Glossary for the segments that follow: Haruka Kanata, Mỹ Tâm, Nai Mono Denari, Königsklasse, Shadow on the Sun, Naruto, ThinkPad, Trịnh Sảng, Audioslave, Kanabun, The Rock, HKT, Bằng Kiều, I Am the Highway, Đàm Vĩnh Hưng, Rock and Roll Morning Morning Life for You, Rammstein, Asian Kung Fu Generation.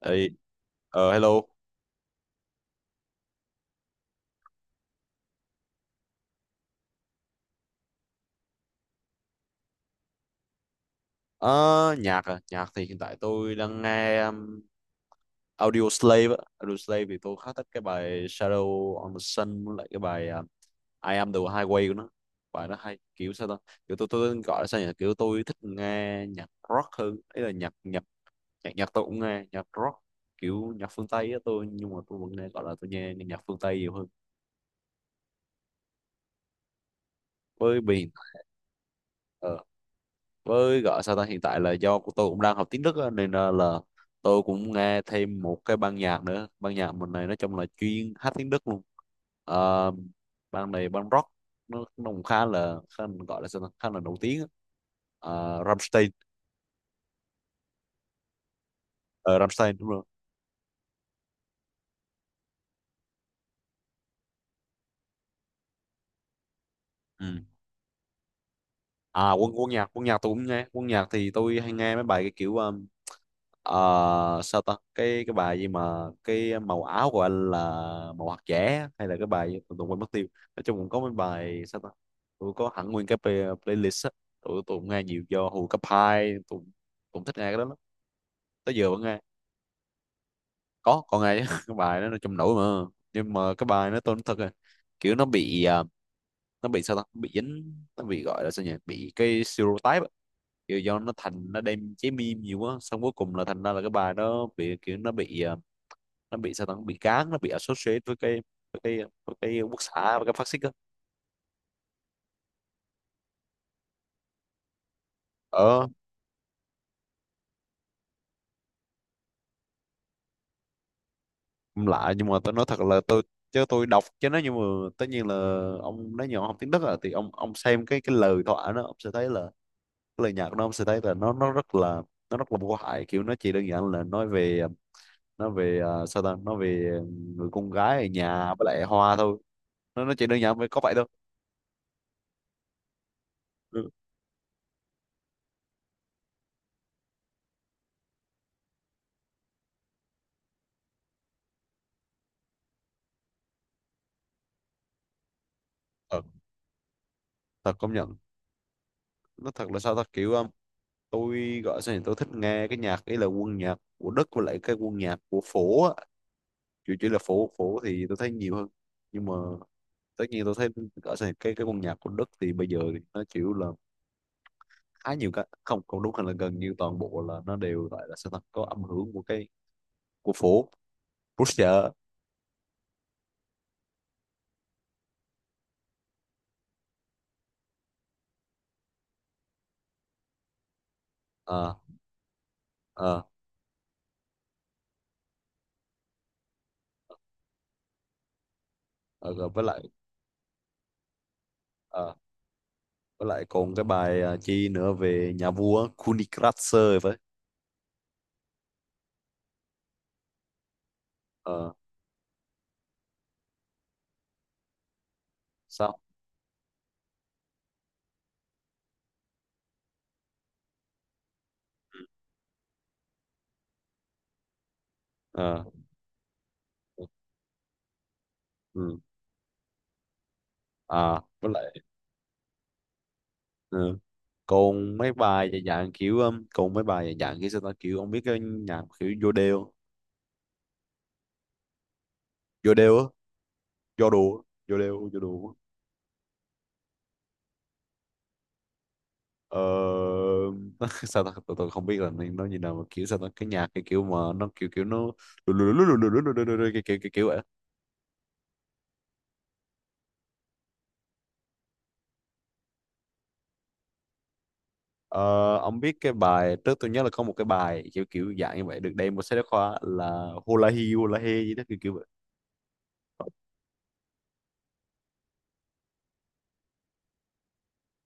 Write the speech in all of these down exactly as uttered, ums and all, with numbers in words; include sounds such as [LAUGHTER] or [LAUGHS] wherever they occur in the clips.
Ê, ờ hello. Ờ, Nhạc à? Nhạc thì hiện tại tôi đang nghe um, Audio Slave á. Audio Slave thì tôi khá thích cái bài Shadow on the Sun với lại cái bài um, I Am the Highway của nó. Bài nó hay kiểu sao ta? Kiểu tôi tôi gọi là sao nhỉ? Kiểu tôi thích nghe nhạc rock hơn. Ý là nhạc nhạc nhạc nhạc tôi cũng nghe nhạc rock kiểu nhạc phương Tây á tôi, nhưng mà tôi vẫn nghe, gọi là tôi nghe, nghe nhạc phương Tây nhiều hơn. Với biển ờ, với gọi sao ta, hiện tại là do của tôi cũng đang học tiếng Đức á, nên là, là tôi cũng nghe thêm một cái ban nhạc nữa, ban nhạc mình này nói chung là chuyên hát tiếng Đức luôn. Ờ, Ban này ban rock, nó, nó cũng khá là khá, gọi là sao ta, khá là nổi tiếng á. Ờ, Rammstein. Ờ, Rammstein đúng rồi. Ừ. À, quân quân nhạc quân nhạc tôi cũng nghe. Quân nhạc thì tôi hay nghe mấy bài cái kiểu um, ờ, sao ta, cái cái bài gì mà cái màu áo của anh là màu hạt dẻ á, hay là cái bài gì? Tụi tôi quên mất tiêu. Nói chung cũng có mấy bài sao ta, tụi có hẳn nguyên cái play- playlist á. Tụi tụi cũng nghe nhiều do hồi cấp hai tụi cũng thích nghe cái đó lắm, tới giờ vẫn nghe. Có còn nghe chứ. [LAUGHS] Cái bài đó nó trong nổi, mà nhưng mà cái bài nó tôi nói thật rồi, kiểu nó bị à, nó bị sao ta, bị dính, nó bị gọi là sao nhỉ, bị cái stereotype á. Kiểu do nó thành nó đem chế meme nhiều quá, xong cuối cùng là thành ra là cái bài nó bị kiểu nó bị à, nó bị sao ta, nó bị gán, nó bị associate với cái với cái với cái quốc xã và cái phát xít á. Ờ, cũng lạ, nhưng mà tôi nói thật là tôi chứ tôi đọc chứ nó, nhưng mà tất nhiên là ông nói nhỏ học tiếng Đức à, thì ông ông xem cái cái lời thoại nó, ông sẽ thấy là cái lời nhạc của nó, ông sẽ thấy là nó nó rất là nó rất là vô hại, kiểu nó chỉ đơn giản là nói về nó về à, sao ta, nó về người con gái ở nhà với lại hoa thôi. Nó nó chỉ đơn giản với có vậy thôi. Ừ. Thật, thật công nhận. Nó thật là sao ta, kiểu um, tôi gọi sao nhỉ, tôi thích nghe cái nhạc ấy là quân nhạc của Đức với lại cái quân nhạc của phố á, chủ chỉ là phố. Phố thì tôi thấy nhiều hơn, nhưng mà tất nhiên tôi thấy gọi sao nhỉ, cái cái quân nhạc của Đức thì bây giờ thì nó chịu là khá nhiều cái không không đúng, hay là gần như toàn bộ là nó đều gọi là sao ta, có âm hưởng của cái của phố Russia. Ờ, ờ. Ờ, rồi với lại ờ, với lại còn cái bài à, chi nữa về nhà vua Königsklasse phải. Ờ, sao. Ờ. Ừ. Ừ, à với lại ừ, còn mấy bài dạng dạng kiểu um, còn mấy bài dạng dạng kiểu sao ta, kiểu ông biết cái nhạc kiểu vô đeo, vô đeo á, vô đùa, vô đeo vô đùa. Ờ. [LAUGHS] Sao ta, tôi, tôi không biết là nên nó như nào, mà kiểu sao ta, cái nhạc cái kiểu mà nó kiểu kiểu nó lù lù lù lù lù lù lù lù lù lù, cái kiểu kiểu kiểu vậy. Ờ, ông biết cái bài trước tôi nhớ là có một cái bài kiểu kiểu dạng như vậy được đem một sách giáo khoa là hula hi hula he gì đó kiểu kiểu vậy.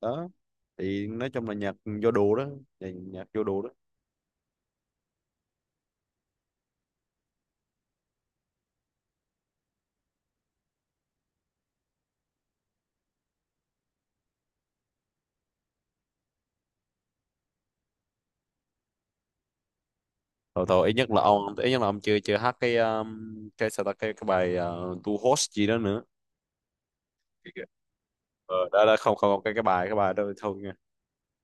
Đó, thì nói chung là nhạc vô đồ đó, nhạc nhạc vô đồ. Thôi thôi ít nhất là ông, ít nhất là ông chưa chưa hát cái um, cái sao ta cái cái bài uh, tu host gì đó nữa. Cái- cái- ờ, đó đó, không không không, cái cái bài cái bài đó thôi nha.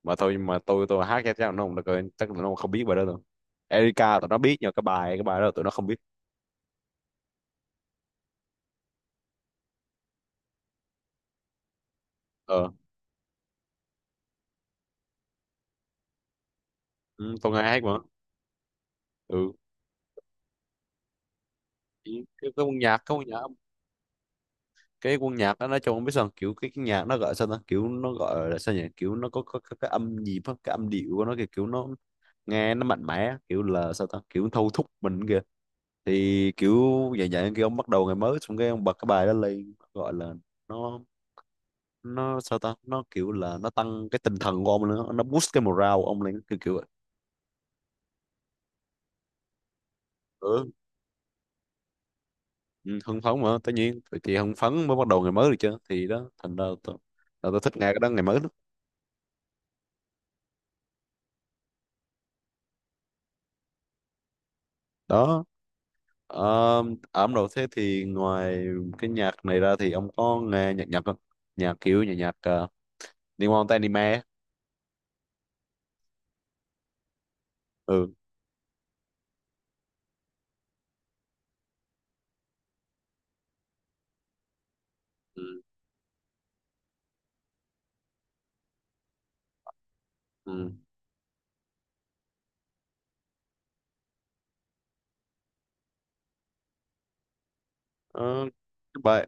Mà thôi, nhưng mà tôi tôi hát cho chắc là nó không được rồi, chắc là nó không biết bài đó đâu. Erika tụi nó biết, nhưng mà cái bài cái bài đó tụi nó không biết. Ờ. Ừ, tôi nghe hát mà. Ừ. cái, cái cái quân nhạc cái quân nhạc, cái quân nhạc đó nói chung không biết sao, kiểu cái, cái nhạc nó gọi sao ta, kiểu nó gọi là sao nhỉ, kiểu nó có, có, có cái âm nhịp á, cái âm điệu của nó kìa, kiểu nó nghe nó mạnh mẽ kiểu là sao ta, kiểu thâu thúc mình kìa, thì kiểu dạng dạng kia, ông bắt đầu ngày mới xong cái ông bật cái bài đó lên, gọi là nó nó sao ta, nó kiểu là nó tăng cái tinh thần của ông nữa, nó boost cái morale của ông lên kiểu kiểu vậy. Ừ. Ừ, hưng phấn mà tất nhiên vậy, thì hưng phấn mới bắt đầu ngày mới được chứ, thì đó thành ra tôi, là tôi thích nghe cái đó ngày mới đó. Đó, um, ẩm đầu thế thì ngoài cái nhạc này ra thì ông có nghe nhạc Nhật không, nhạc kiểu nhạc nhạc uh, liên quan tới anime. Ừ. Ừ, ừ. Ờ, cái bài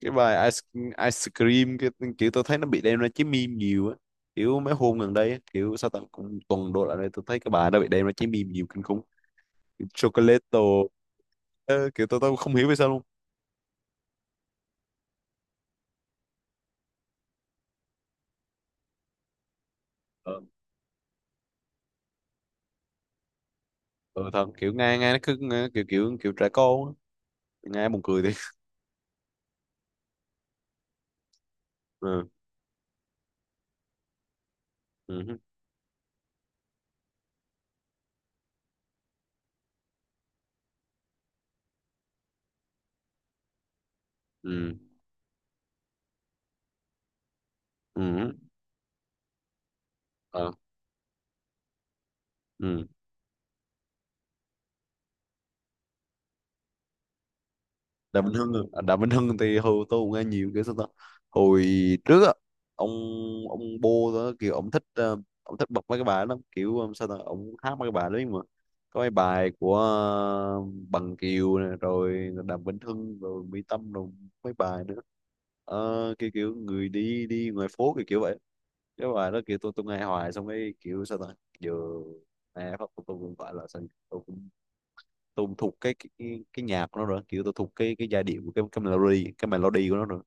cái bài ice, ice cream cái kiểu tôi thấy nó bị đem ra chế meme nhiều á, kiểu mấy hôm gần đây á, kiểu sao tầm cũng tuần đổ lại đây tôi thấy cái bài nó bị đem ra chế meme nhiều kinh khủng. Kiểu chocolate. Ờ, kiểu tôi, tôi không hiểu vì sao luôn. ờ, ờ thật, kiểu nghe nghe nó cứ nghe, kiểu kiểu kiểu trẻ con á, nghe buồn cười đi. ừ ừ ừ ừ ờ, ừ. Đàm Vĩnh Hưng à? Đàm Vĩnh Hưng thì hồi tôi cũng nghe nhiều, kiểu sao ta, hồi trước á. ông ông Bô đó, kiểu ông thích ờ, ông thích bật mấy cái bài lắm, kiểu ờ, sao ta, ông hát mấy cái bài đấy mà. Có mấy bài của ờ, Bằng Kiều nè, rồi Đàm Vĩnh Hưng, rồi Mỹ Tâm, rồi mấy bài nữa. Ờ, kiểu kiểu người đi đi ngoài phố kiểu kiểu vậy. Cái bài đó kiểu tôi tôi nghe hoài, xong cái kiểu sao ta, giờ nghe phát tôi cũng gọi là sao nhỉ? Tôi cũng tôi cũng thuộc cái, cái cái nhạc của nó rồi, kiểu tôi thuộc cái cái giai điệu của cái cái melody cái melody của nó rồi.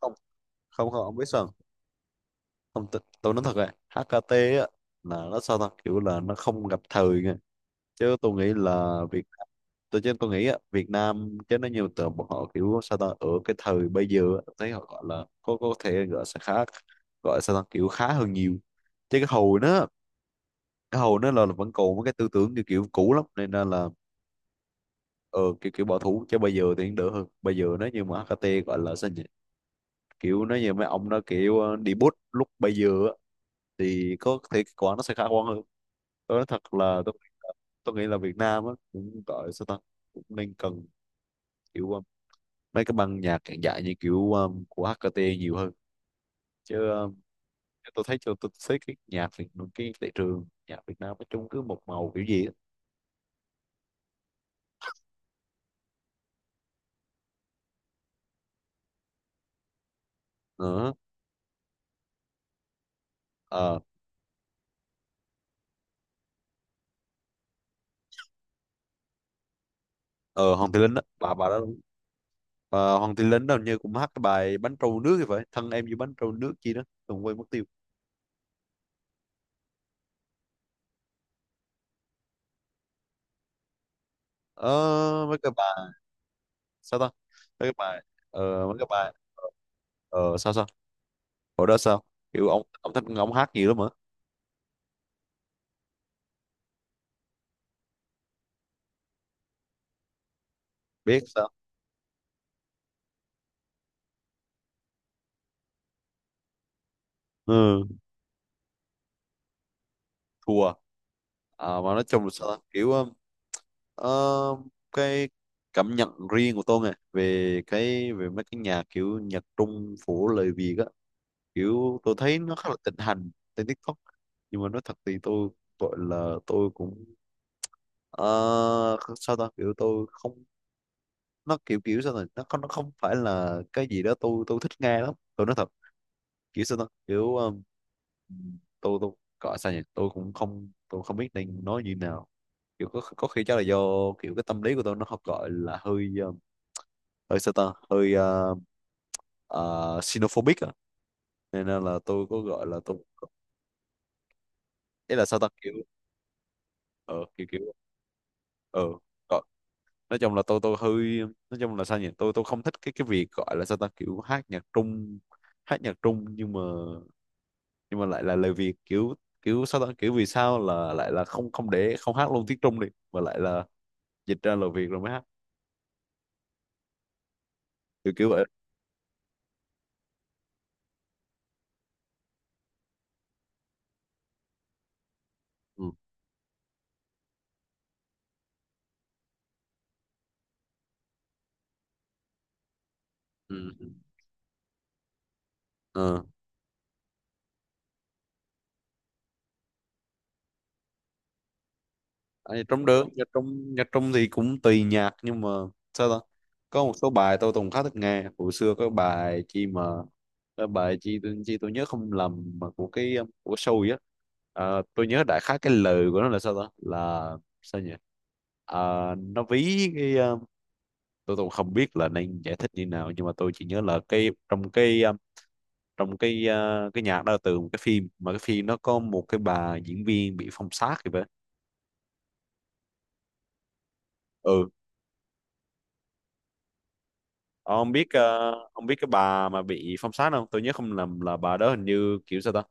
Không không không ông biết sao không. Không, tôi, tôi nói thật rồi, hát ca tê á, là nó sao ta, kiểu là nó không gặp thời nha. Chứ tôi nghĩ là Việt, tôi chứ tôi nghĩ á, Việt Nam chứ nó nhiều tờ bọn họ, kiểu sao ta, ở cái thời bây giờ á, thấy họ gọi là có có thể gọi sẽ khá, gọi sao ta, kiểu khá hơn nhiều. Chứ cái hồi nó, cái hồi nó là, là vẫn còn một cái tư tưởng kiểu, kiểu cũ lắm nên là ờ, kiểu kiểu bỏ thú. Chứ bây giờ thì đỡ hơn, bây giờ nó như mà hát ca tê gọi là sao nhỉ, kiểu nó như mấy ông nó kiểu ờ, đi bút lúc bây giờ á, thì có thể kết quả nó sẽ khả quan hơn. Tôi nói thật là tôi nghĩ là, tôi nghĩ là Việt Nam á cũng gọi sao ta, cũng nên cần kiểu ờ, mấy cái băng nhạc hiện đại như kiểu ờ, của hát ca tê nhiều hơn. Chứ ờ, tôi thấy cho tôi thấy cái nhạc Việt, cái thị trường nhạc Việt Nam nói chung cứ một màu kiểu gì á nữa. Ờ. Ờ, Hồng Thị Linh á, bà bà đó. Ờ, Hoàng Tiến Lính đâu như cũng hát cái bài bánh trâu nước thì phải, thân em như bánh trâu nước chi đó, đừng quên mất tiêu. Ờ, mấy cái bài sao ta mấy cái bài ờ, mấy cái bài. Ờ, sao sao, hồi đó sao, kiểu ông ông thích ông hát nhiều lắm hả. Biết sao. Ừ. Thua. Ờ, mà nói chung là sao ta? kiểu um, ờ, cái cảm nhận riêng của tôi nè về cái về mấy cái nhạc kiểu nhạc Trung của lời Việt á, kiểu tôi thấy nó khá là thịnh hành trên TikTok. Nhưng mà nói thật thì tôi gọi là tôi cũng ờ, sao ta, kiểu tôi không, nó kiểu kiểu sao này nó không, nó không phải là cái gì đó tôi tôi thích nghe lắm, tôi nói thật. Kiểu sao đó, kiểu um, tôi tôi gọi sao nhỉ, tôi cũng không, tôi không biết nên nói như nào. Kiểu có có khi chắc là do kiểu cái tâm lý của tôi nó học, gọi là hơi um, hơi sao ta, hơi uh, uh, xenophobic à, nên là, là tôi có gọi là tôi, ý là sao ta, kiểu ờ kiểu kiểu ờ gọi, nói chung là tôi tôi hơi, nói chung là sao nhỉ, tôi tôi không thích cái cái việc gọi là sao ta kiểu hát nhạc trung, hát nhạc trung nhưng mà, nhưng mà lại là lời Việt, kiểu kiểu sao ta, kiểu vì sao là lại là không không để không hát luôn tiếng Trung đi, mà lại là dịch ra lời Việt rồi mới hát, kiểu kiểu vậy. Ừ. Ừ. Ừ. À, trong đó nhạc Trung, nhạc Trung thì cũng tùy nhạc nhưng mà sao ta, có một số bài tôi từng khá thích nghe hồi xưa, có bài chi mà, cái bài chi tôi, chi tôi nhớ không lầm mà của cái um, của show á. Ờ, tôi nhớ đại khái cái lời của nó là sao ta, là sao nhỉ. Ờ, nó ví cái ờ, tôi tôi không biết là nên giải thích như nào nhưng mà tôi chỉ nhớ là cái trong cái um, trong cái uh, cái nhạc đó là từ một cái phim mà cái phim nó có một cái bà diễn viên bị phong sát thì vậy. Ừ, ông biết ờ, ông biết cái bà mà bị phong sát không? Tôi nhớ không lầm là bà đó hình như kiểu sao ta,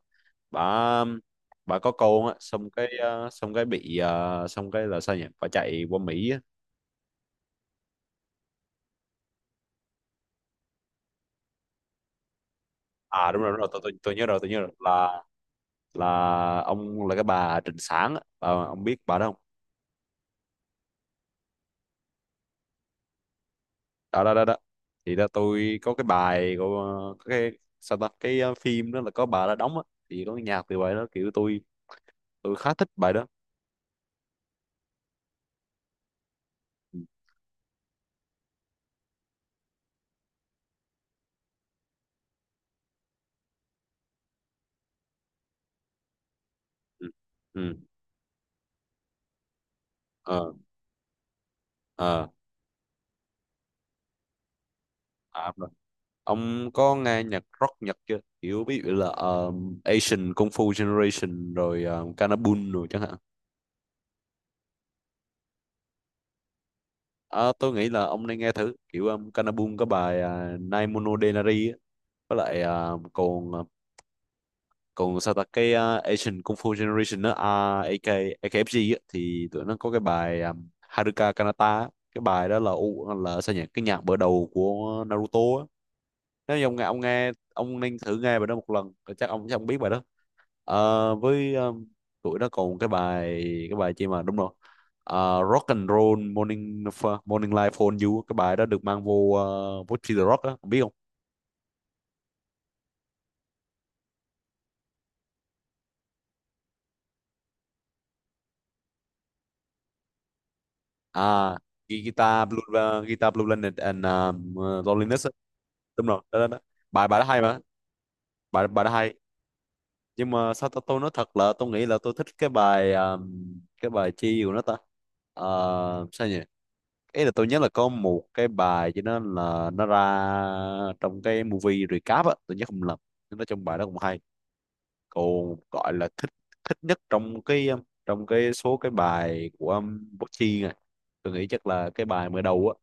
bà um, bà có con á, xong cái ờ, xong cái bị ờ, xong cái là sao nhỉ, bà chạy qua Mỹ á. À đúng rồi đúng rồi, tôi, tôi tôi nhớ rồi, tôi nhớ rồi là là ông, là cái bà Trịnh Sảng á. Bà- ông biết bà đó không? Đó đó đó đó, thì đó tôi có cái bài của ờ, có cái sao ta cái ờ, phim đó là có bà đó đóng á, thì có cái nhạc từ bài đó, kiểu tôi tôi khá thích bài đó. Ừ. Ừ. Ừ. Ờ. Ờ. À, đúng rồi. Ông có nghe nhạc rock Nhật chưa? Kiểu ví dụ là ờ, Asian Kung Fu Generation rồi uh, Kanabun rồi chẳng hạn. Ờ, tôi nghĩ là ông nên nghe thử, kiểu um, Kanabun có bài uh, Nai Mono Denari á, với lại ờ, còn ờ, còn sao ta cái uh, Asian Kung Fu Generation đó, à, a ca a ca ép giê á, thì tụi nó có cái bài um, Haruka Kanata á. Cái bài đó là u, là sao nhỉ, cái nhạc mở đầu của Naruto á. Nếu như ông nghe, ông nghe, ông nên thử nghe bài đó một lần rồi chắc ông, chắc ông biết bài đó. Ờ, với um, tụi nó còn cái bài, cái bài chi mà, đúng rồi, Ờ, Rock and Roll Morning, Morning Life for You, cái bài đó được mang vô uh, vô The Rock á. Ông biết không? À, ghi- guitar blue, uh, guitar blue Planet and um, uh, loneliness á. Đúng rồi, đó, đó, đó. Bài bài đó hay mà. Bài bài đó hay. Nhưng mà sao tôi, tôi nói thật là tôi nghĩ là tôi thích cái bài um, cái bài chi của nó ta. Ờ, sao nhỉ, ý là tôi nhớ là có một cái bài cho nó là nó ra trong cái movie recap á, tôi nhớ không lầm, nó trong bài đó cũng hay, còn gọi là thích, thích nhất trong cái um, trong cái số cái bài của um, Bố này, tôi nghĩ chắc là cái bài mở đầu á.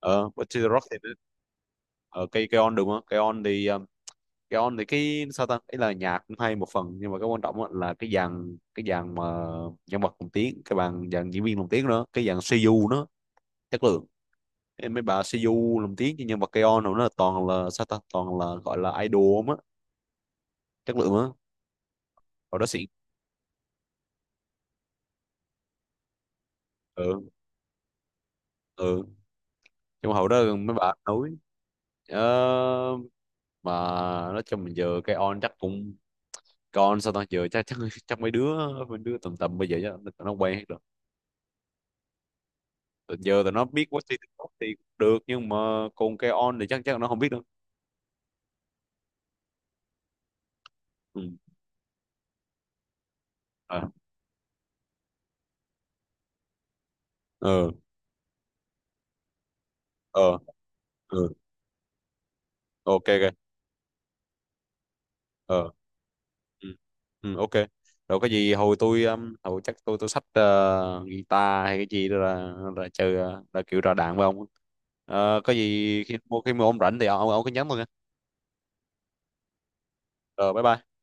Ờ Butcher the Rock thì nó- ờ, cây cây on đúng không? Cây on thì ờ, cây on thì cái sao ta ấy là nhạc cũng hay một phần nhưng mà cái quan trọng á là cái dàn cái dàn mà nhân vật lồng tiếng, cái bàn dàn diễn viên lồng tiếng nữa, cái dàn xê u nó chất lượng. Em mấy bà xê u lồng tiếng cho nhân vật cây on nó là toàn là sao ta, toàn là gọi là idol á, chất lượng á. Hồi đó xịn. Ừ. Ừ. Nhưng mà hồi đó mấy bà nói. Ờ, mà nói chung mình giờ cái on chắc cũng, còn sao tao giờ chắc chắc, chắc mấy đứa mấy đứa tầm tầm bây giờ chắc nó nó quen hết rồi. Tụi giờ tụi nó biết Westy TikTok thì cũng được nhưng mà còn cái on thì chắc, chắc nó không biết đâu. Ừ. À, ờ, ờ, ừ, ok ok, ờ, ừ. Ừ, ok, rồi cái gì hồi tôi um, hồi chắc tôi tôi xách ờ, guitar hay cái gì đó là là chơi, ờ, là kiểu ra đàn với ông. Ờ, có gì khi mua, khi mua ông rảnh thì ông ông cứ nhắn tôi nha. Rồi bye bye.